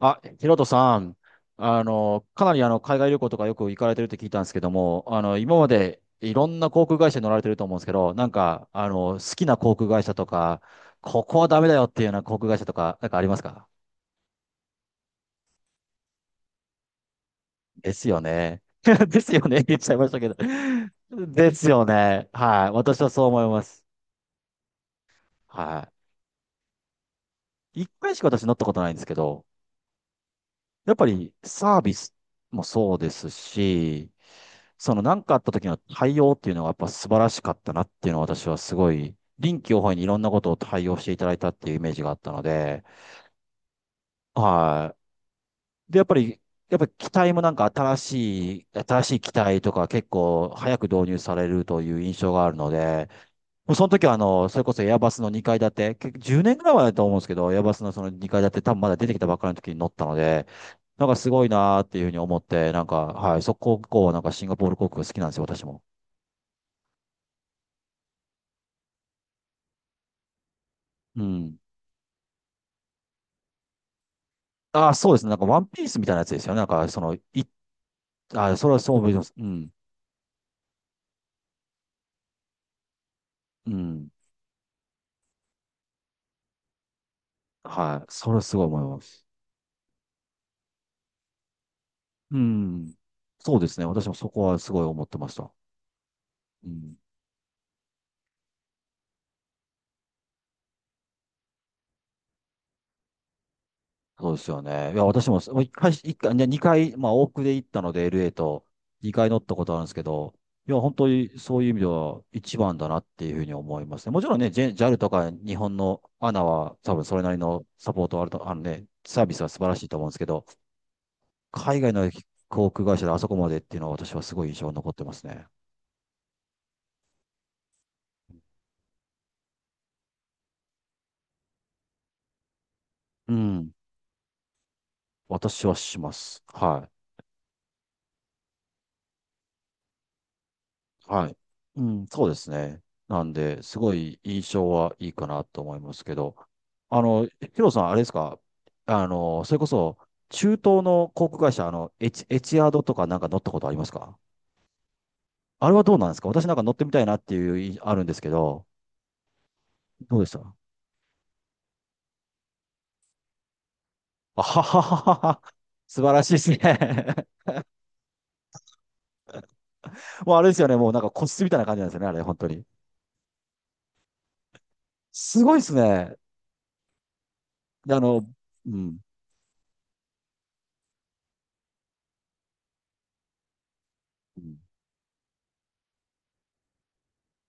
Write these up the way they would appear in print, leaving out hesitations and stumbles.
あ、ヒロトさん、かなり海外旅行とかよく行かれてるって聞いたんですけども、今までいろんな航空会社に乗られてると思うんですけど、好きな航空会社とか、ここはダメだよっていうような航空会社とか、なんかありますか？ですよね。ですよね。言っちゃいましたけど。ですよね。はい。私はそう思います。はい。一回しか私乗ったことないんですけど、やっぱりサービスもそうですし、その何かあった時の対応っていうのがやっぱ素晴らしかったなっていうのは、私はすごい臨機応変にいろんなことを対応していただいたっていうイメージがあったので、はい。で、やっぱり、機体もなんか新しい機体とか結構早く導入されるという印象があるので、もうその時は、それこそエアバスの2階建て、結局10年ぐらい前だと思うんですけど、エアバスのその2階建て、多分まだ出てきたばっかりの時に乗ったので、なんかすごいなーっていうふうに思って、なんか、はい、そこ以降はなんかシンガポール航空好きなんですよ、私も。うん。ああ、そうですね。なんかワンピースみたいなやつですよね。あーそれはそう思います。うん。うん。はい。それはすごい思います。うん。そうですね。私もそこはすごい思ってました。うん。そうですよね。いや、私も、もう一回、一回、ね、二回、まあ、往復で行ったので、LA と、二回乗ったことあるんですけど、いや、本当にそういう意味では一番だなっていうふうに思いますね。もちろんね、JAL とか日本の ANA は多分それなりのサポートはあると、あのね、サービスは素晴らしいと思うんですけど、海外の航空会社であそこまでっていうのは私はすごい印象に残ってますね。うん。私はします。はい。はい。うん、そうですね。なんで、すごい印象はいいかなと思いますけど、ヒロさん、あれですか、それこそ、中東の航空会社、エチアードとかなんか乗ったことありますか？あれはどうなんですか？私なんか乗ってみたいなっていうあるんですけど、どうでした？あははははは。素晴らしいですね。もうあれですよね、もうなんか個室みたいな感じなんですよね、あれ、本当に。すごいですね。でうん。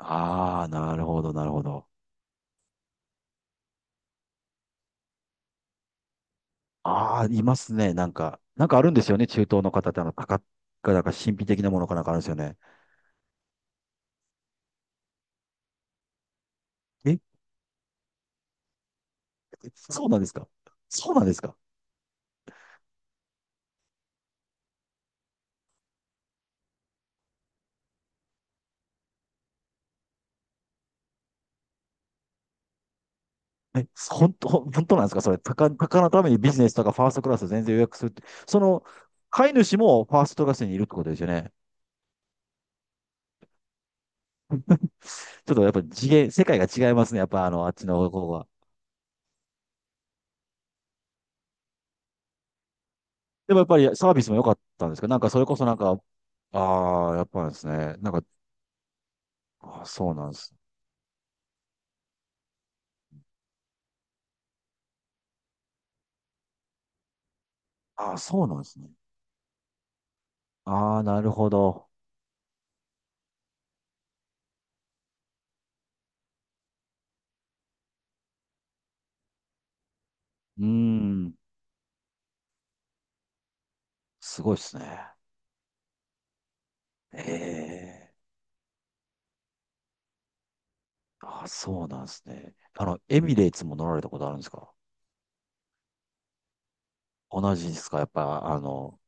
ああー、なるほど、なるほど。ああ、いますね。なんかあるんですよね。中東の方って、高が、なんか神秘的なものかなんかあるんですよね。え、そうなんですか？そうなんですか？え、本当なんですかそれ、高のためにビジネスとかファーストクラス全然予約するって。その、飼い主もファーストクラスにいるってことですよね。ちょっとやっぱ次元、世界が違いますね。やっぱあの、あっちの方が。でもやっぱりサービスも良かったんですけど、なんかそれこそなんか、ああ、やっぱですね。あーそうなんです。ああ、そうなんですね。ああ、なるほど。うーん。すごいですね。ええ。あ、そうなんですね。あの、エミレーツも乗られたことあるんですか？同じですかやっぱ、あの、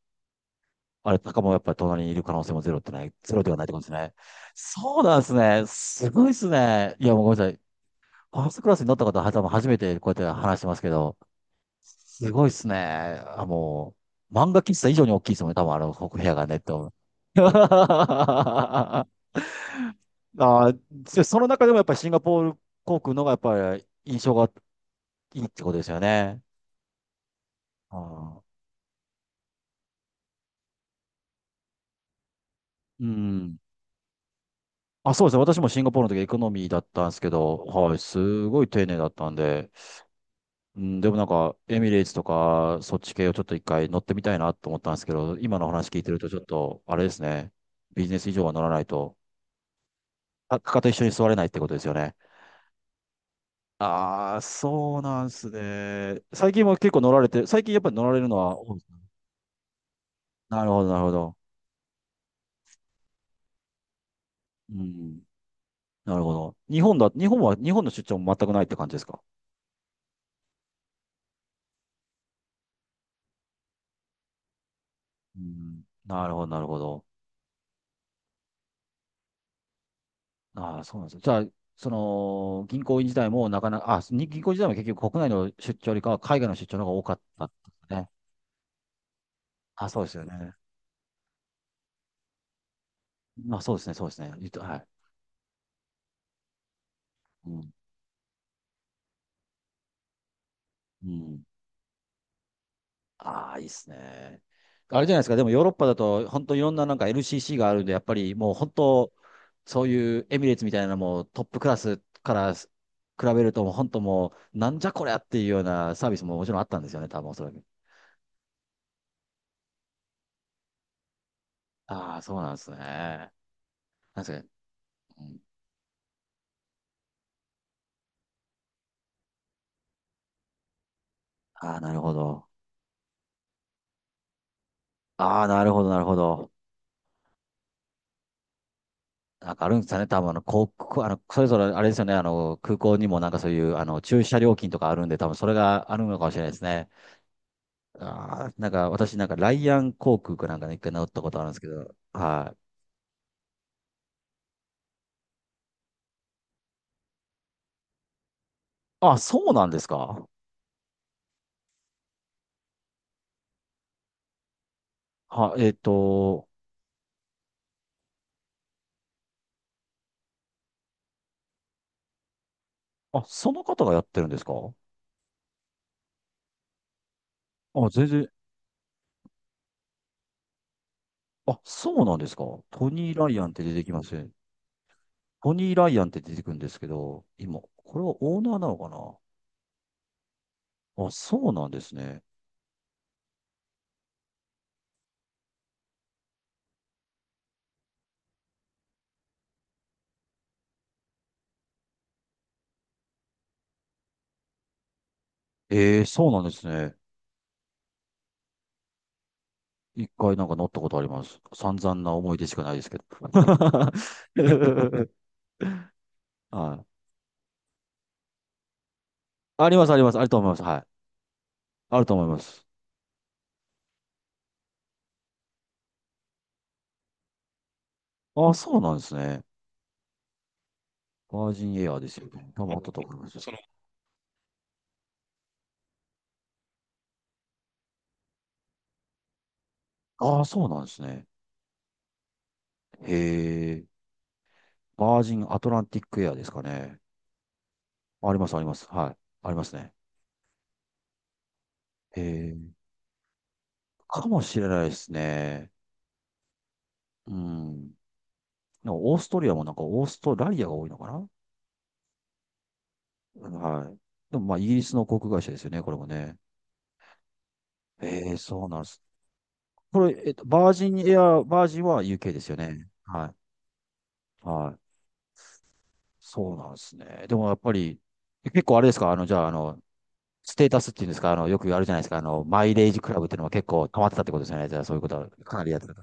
あれ、高もやっぱり隣にいる可能性もゼロってない、ゼロではないってことですね。そうなんですね。すごいですね。いや、もうごめんなさい。ファーストクラスに乗った方は多分初めてこうやって話してますけど、すごいっすね。あ、もう、漫画喫茶以上に大きいですもんね。多分あの、ここ部屋がね、と。あー、でその中でもやっぱりシンガポール航空のがやっぱり印象がいいってことですよね。あー、うん。あ、そうですね。私もシンガポールの時エコノミーだったんですけど、はい、すごい丁寧だったんで、うん、でもなんか、エミレーツとか、そっち系をちょっと一回乗ってみたいなと思ったんですけど、今の話聞いてるとちょっと、あれですね。ビジネス以上は乗らないと。あかかと一緒に座れないってことですよね。ああ、そうなんですね。最近も結構乗られて、最近やっぱり乗られるのは多いですね、なるほど、なるほど。うん。なるほど。日本だ、日本は、日本の出張も全くないって感じですか？うん。なるほど、なるほど。ああ、そうなんですね。じゃあ、その、銀行員自体もなかなか、銀行自体も結局国内の出張よりかは海外の出張の方が多かったですね。あ、そうですよね。そうですね。言うとはい。うん。うん、ああ、いいっすね。あれじゃないですか。でもヨーロッパだと、本当いろんななんか LCC があるんで、やっぱりもう本当、そういうエミレーツみたいなのもうトップクラスから比べると、もう本当もう、なんじゃこりゃっていうようなサービスももちろんあったんですよね、多分おそらく。ああ、そうなんですね。確かに。うん、ああ、なるほど。ああ、なるほど、なるほど。なんかあるんですかね、多分あの、航空あの、それぞれあれですよね、空港にもなんかそういう、駐車料金とかあるんで、多分それがあるのかもしれないですね。ああ、なんか私なんかライアン航空かなんかね、一回乗ったことあるんですけど、はい。あ、そうなんですか。は、えっと、あ、その方がやってるんですか？あ、全然、あ、そうなんですか。トニー・ライアンって出てきますね。トニー・ライアンって出てくるんですけど、今、これはオーナーなのかな？あ、そうなんですね。ええ、そうなんですね。一回なんか乗ったことあります。散々な思い出しかないですけど。はい。あります、あります。あると思います。はい。あると思います。あ、あそうなんですね。バージンエアーですよね。多分ああったと思います。ああ、そうなんですね。へえ。バージンアトランティックエアーですかね。あります、あります。はい。ありますね。へえ。かもしれないですね。うん。なんかオーストリアもなんかオーストラリアが多いのかな？うん、はい。でもまあ、イギリスの航空会社ですよね、これもね。へえ、そうなんです。これ、えっと、バージンエアー、バージンは UK ですよね。はい。はい。そうなんですね。でもやっぱり、え結構あれですかあの、じゃあ、ステータスっていうんですか、あの、よくあるじゃないですか、マイレージクラブっていうのも結構溜まってたってことですよね。じゃあ、そういうことはかなりやってた。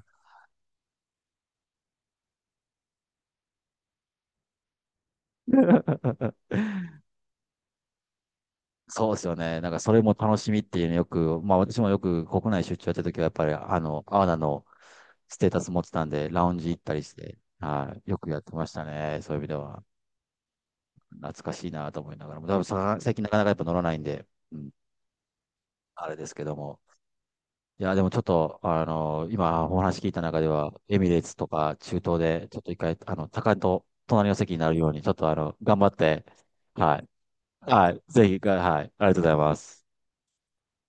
そうですよね。なんか、それも楽しみっていうのよく、まあ、私もよく国内出張やった時は、やっぱり、アーナのステータス持ってたんで、ラウンジ行ったりして、はい、よくやってましたね。そういう意味では。懐かしいなと思いながらも、多分さ最近なかなかやっぱ乗らないんで、うん、あれですけども。いや、でもちょっと、今お話聞いた中では、エミレーツとか中東で、ちょっと一回、高いと隣の席になるように、ちょっとあの、頑張って、はい。はい。ぜひ、はい。ありがとうございます。